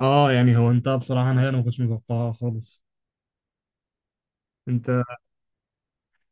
اه يعني هو انت بصراحة نهائي انا ما كنتش متوقعها خالص. انت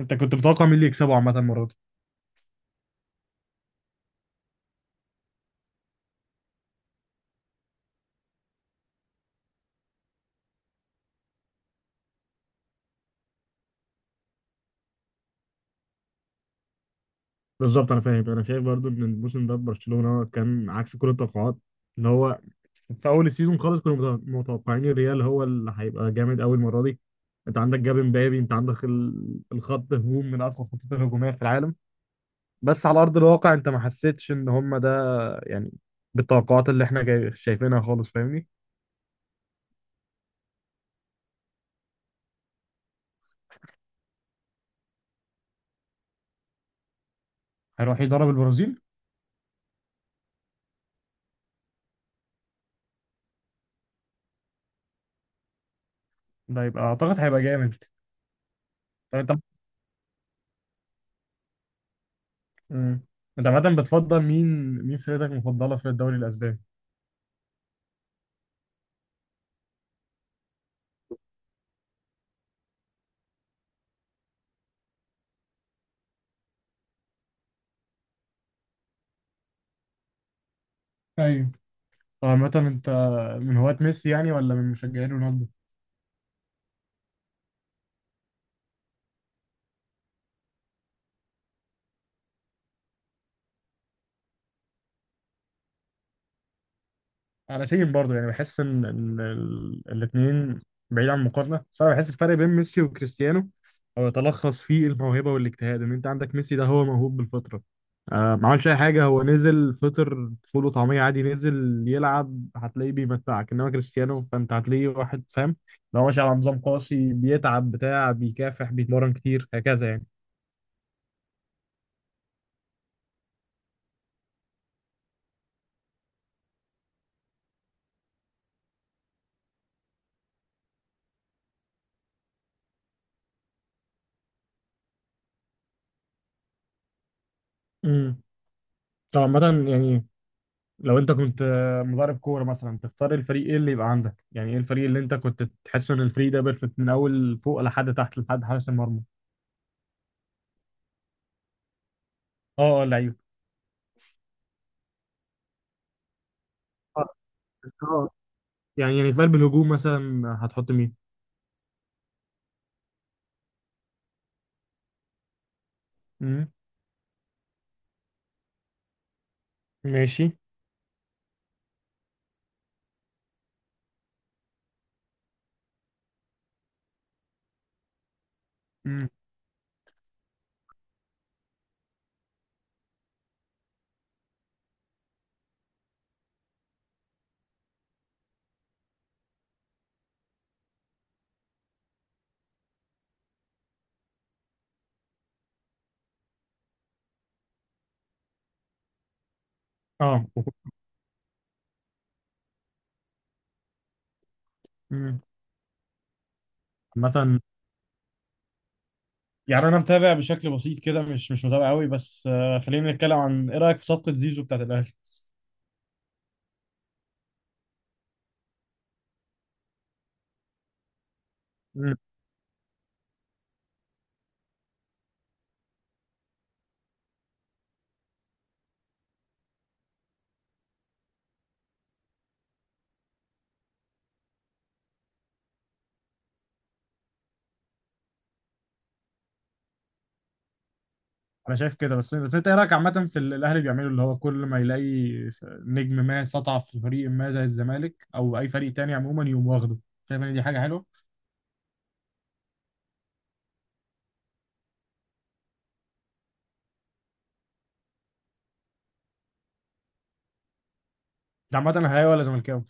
انت كنت متوقع مين اللي يكسبه عامة المرة دي؟ بالظبط، انا فاهم. انا شايف برضو ان الموسم ده برشلونة كان عكس كل التوقعات، اللي هو في اول السيزون خالص كنا متوقعين الريال هو اللي هيبقى جامد قوي المرة دي. انت عندك جاب امبابي، انت عندك الخط هجوم من اقوى الخطوط الهجومية في العالم، بس على ارض الواقع انت ما حسيتش ان هم ده، يعني بالتوقعات شايفينها خالص، فاهمني؟ هيروح يدرب البرازيل. ده يبقى اعتقد هيبقى جامد. طب انت، امم انت عامة بتفضل مين؟ مين فرقتك المفضلة في الدوري الأسباني؟ ايوه. عامة انت من هواة ميسي يعني ولا من مشجعين رونالدو؟ على سيم برضه. يعني بحس ان الاثنين، بعيد عن المقارنه، بس انا بحس الفرق بين ميسي وكريستيانو هو يتلخص في الموهبه والاجتهاد. ان انت عندك ميسي ده هو موهوب بالفطره، آه، ما عملش اي حاجه، هو نزل فطر فول وطعميه عادي، نزل يلعب هتلاقيه بيمتعك. انما كريستيانو فانت هتلاقيه واحد فاهم، لو ماشي على نظام قاسي، بيتعب بتاع، بيكافح، بيتمرن كتير هكذا يعني. امم، طبعا. مثلا يعني لو انت كنت مدرب كوره مثلا، تختار الفريق، ايه اللي يبقى عندك؟ يعني ايه الفريق اللي انت كنت تحس ان الفريق ده بيرفكت من اول فوق لحد تحت لحد حارس المرمى؟ اه لعيب. اه. آه. يعني في قلب الهجوم مثلا هتحط مين؟ امم. ماشي. امم. اه. امم. مثلا يعني انا متابع بشكل بسيط كده، مش متابع قوي، بس خلينا نتكلم عن، ايه رايك في صفقه زيزو بتاعت الاهلي؟ انا شايف كده، بس انت ايه رايك عامه في اللي الاهلي بيعمله؟ اللي هو كل ما يلاقي نجم ما سطع في فريق ما زي الزمالك او اي فريق تاني، عموما يقوم واخده. شايف ان دي حاجه حلوه؟ انت عامه اهلاوي ولا زملكاوي؟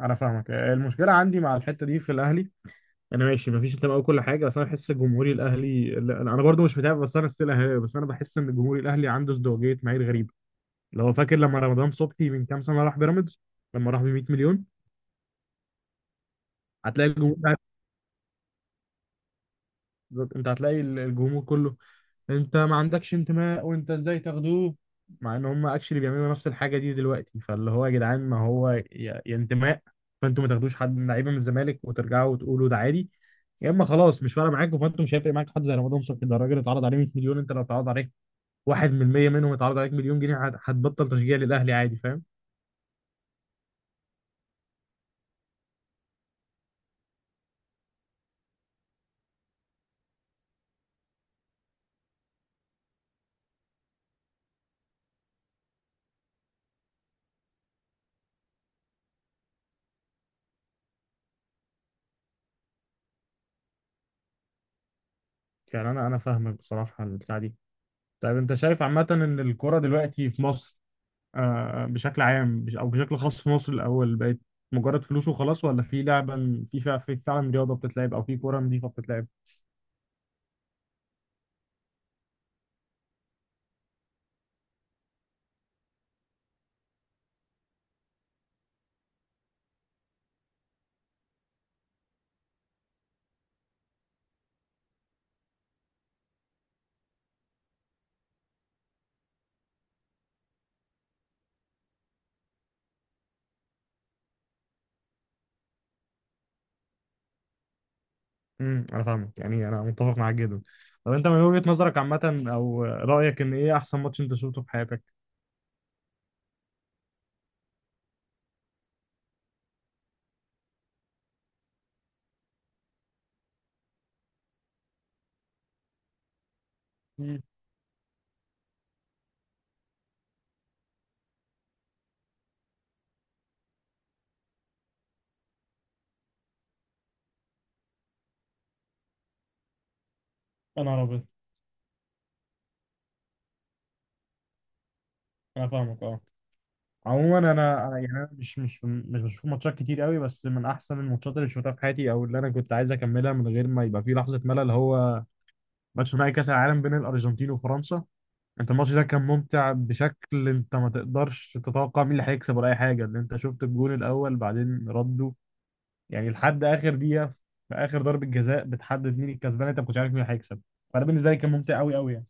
انا فاهمك. المشكله عندي مع الحته دي في الاهلي، انا ماشي، مفيش انتماء وكل حاجه، بس انا بحس الجمهوري الاهلي، لا، انا برضو مش متابع، بس انا ستيل اهلاوي، بس انا بحس ان الجمهوري الاهلي عنده ازدواجيه معايير غريبه. اللي هو فاكر لما رمضان صبحي من كام سنه راح بيراميدز، لما راح ب 100 مليون، هتلاقي الجمهور، بالظبط. انت هتلاقي الجمهور كله: انت ما عندكش انتماء وانت ازاي تاخدوه؟ مع ان هم اكشلي بيعملوا نفس الحاجه دي دلوقتي. فاللي هو يا جدعان، ما هو يا انتماء، فانتوا ما تاخدوش حد من لعيبه من الزمالك وترجعوا وتقولوا ده عادي، يا اما خلاص مش فارق معاكم. فانتوا مش هيفرق معاك حد زي رمضان صبحي ده، الراجل اتعرض عليه 100 مليون. انت لو اتعرض عليك 1% منهم، اتعرض عليك مليون جنيه، هتبطل تشجيع للاهلي عادي، فاهم؟ يعني انا فاهمك بصراحه البتاع دي. طيب انت شايف عامه ان الكوره دلوقتي في مصر، بشكل عام، او بشكل خاص في مصر، الاول بقت مجرد فلوس وخلاص، ولا في لعبه، في فعلا رياضه بتتلعب او في كوره نظيفه بتتلعب؟ امم، انا فاهمك. يعني انا متفق معاك جدا. طب انت من وجهه نظرك عامه او رايك، ان ايه احسن ماتش انت شفته في حياتك؟ مم. انا عربي. انا فاهمك. اه. عموما انا، أنا يعني انا مش مش بشوف ماتشات كتير قوي، بس من احسن الماتشات اللي شفتها في حياتي او اللي انا كنت عايز اكملها من غير ما يبقى في لحظه ملل، هو ماتش نهائي كاس العالم بين الارجنتين وفرنسا. انت الماتش ده كان ممتع بشكل، انت ما تقدرش تتوقع مين اللي هيكسب ولا اي حاجه. ان انت شفت الجون الاول، بعدين ردوا، يعني لحد اخر دقيقه، في اخر ضربه جزاء بتحدد مين الكسبان، انت ما كنتش عارف مين اللي هيكسب. فانا بالنسبه لي كان ممتع قوي قوي يعني.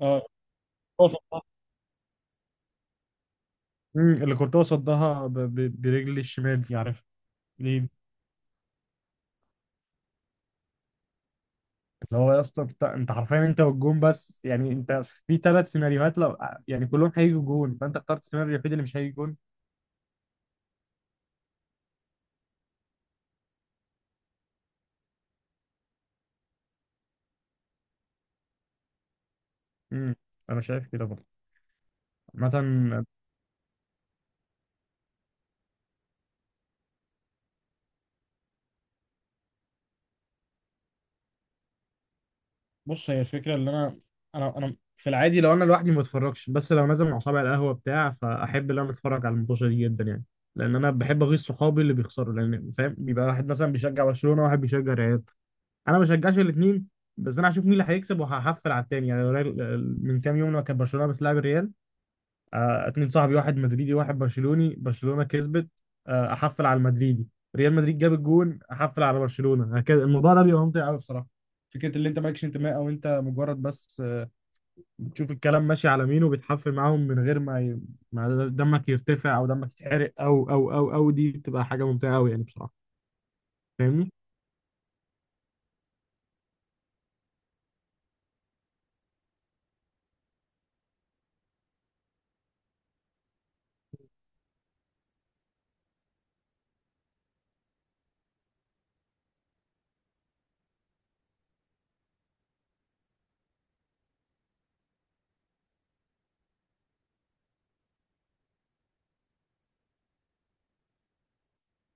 اه، هو صدها. اللي كورتوا صدها برجل الشمال دي، عارف ليه؟ اللي هو يا اسطى، انت حرفيا انت والجون بس. يعني انت في ثلاث سيناريوهات، لو يعني كلهم هيجوا جون، فانت اخترت السيناريو الوحيد اللي مش هيجي جون. امم، انا شايف كده برضه. عامة، بص، هي الفكره اللي انا، انا في العادي لو انا لوحدي ما بتفرجش، بس لو نازل مع صحابي على القهوه بتاع، فاحب ان انا اتفرج على الماتشات دي جدا يعني. لان انا بحب اغيظ صحابي اللي بيخسروا، لان فاهم، بيبقى واحد مثلا بيشجع برشلونه وواحد بيشجع ريال. انا ما بشجعش الاثنين، بس انا هشوف مين اللي هيكسب وهحفل على التاني. يعني من كام يوم لما كان برشلونه بتلعب الريال، اتنين صاحبي، واحد مدريدي واحد برشلوني، برشلونة كسبت، احفل على المدريدي، ريال مدريد جاب الجون، احفل على برشلونة، هكذا. الموضوع ده بيبقى ممتع قوي بصراحة. فكرة اللي انت مالكش انتماء، او انت مجرد بس بتشوف الكلام ماشي على مين وبتحفل معاهم من غير ما ما دمك يرتفع او دمك يتحرق او دي بتبقى حاجة ممتعة قوي يعني بصراحة. فاهمني؟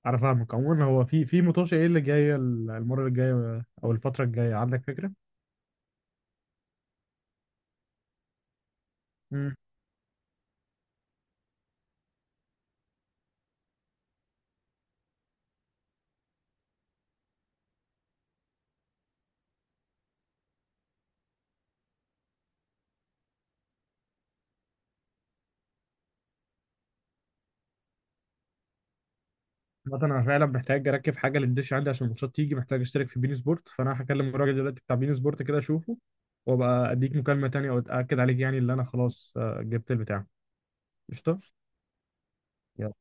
انا فاهمك. عموما هو في مطوشه ايه اللي جايه المرة الجاية او الفترة الجاية، عندك فكرة؟ مثلا انا فعلا محتاج اركب حاجه للدش عندي عشان الماتشات تيجي، محتاج اشترك في بين سبورت، فانا هكلم الراجل دلوقتي بتاع بين سبورت كده اشوفه، وابقى اديك مكالمه تانية واتاكد عليك يعني اللي انا خلاص، جبت البتاع. قشطه. يلا.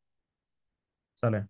سلام.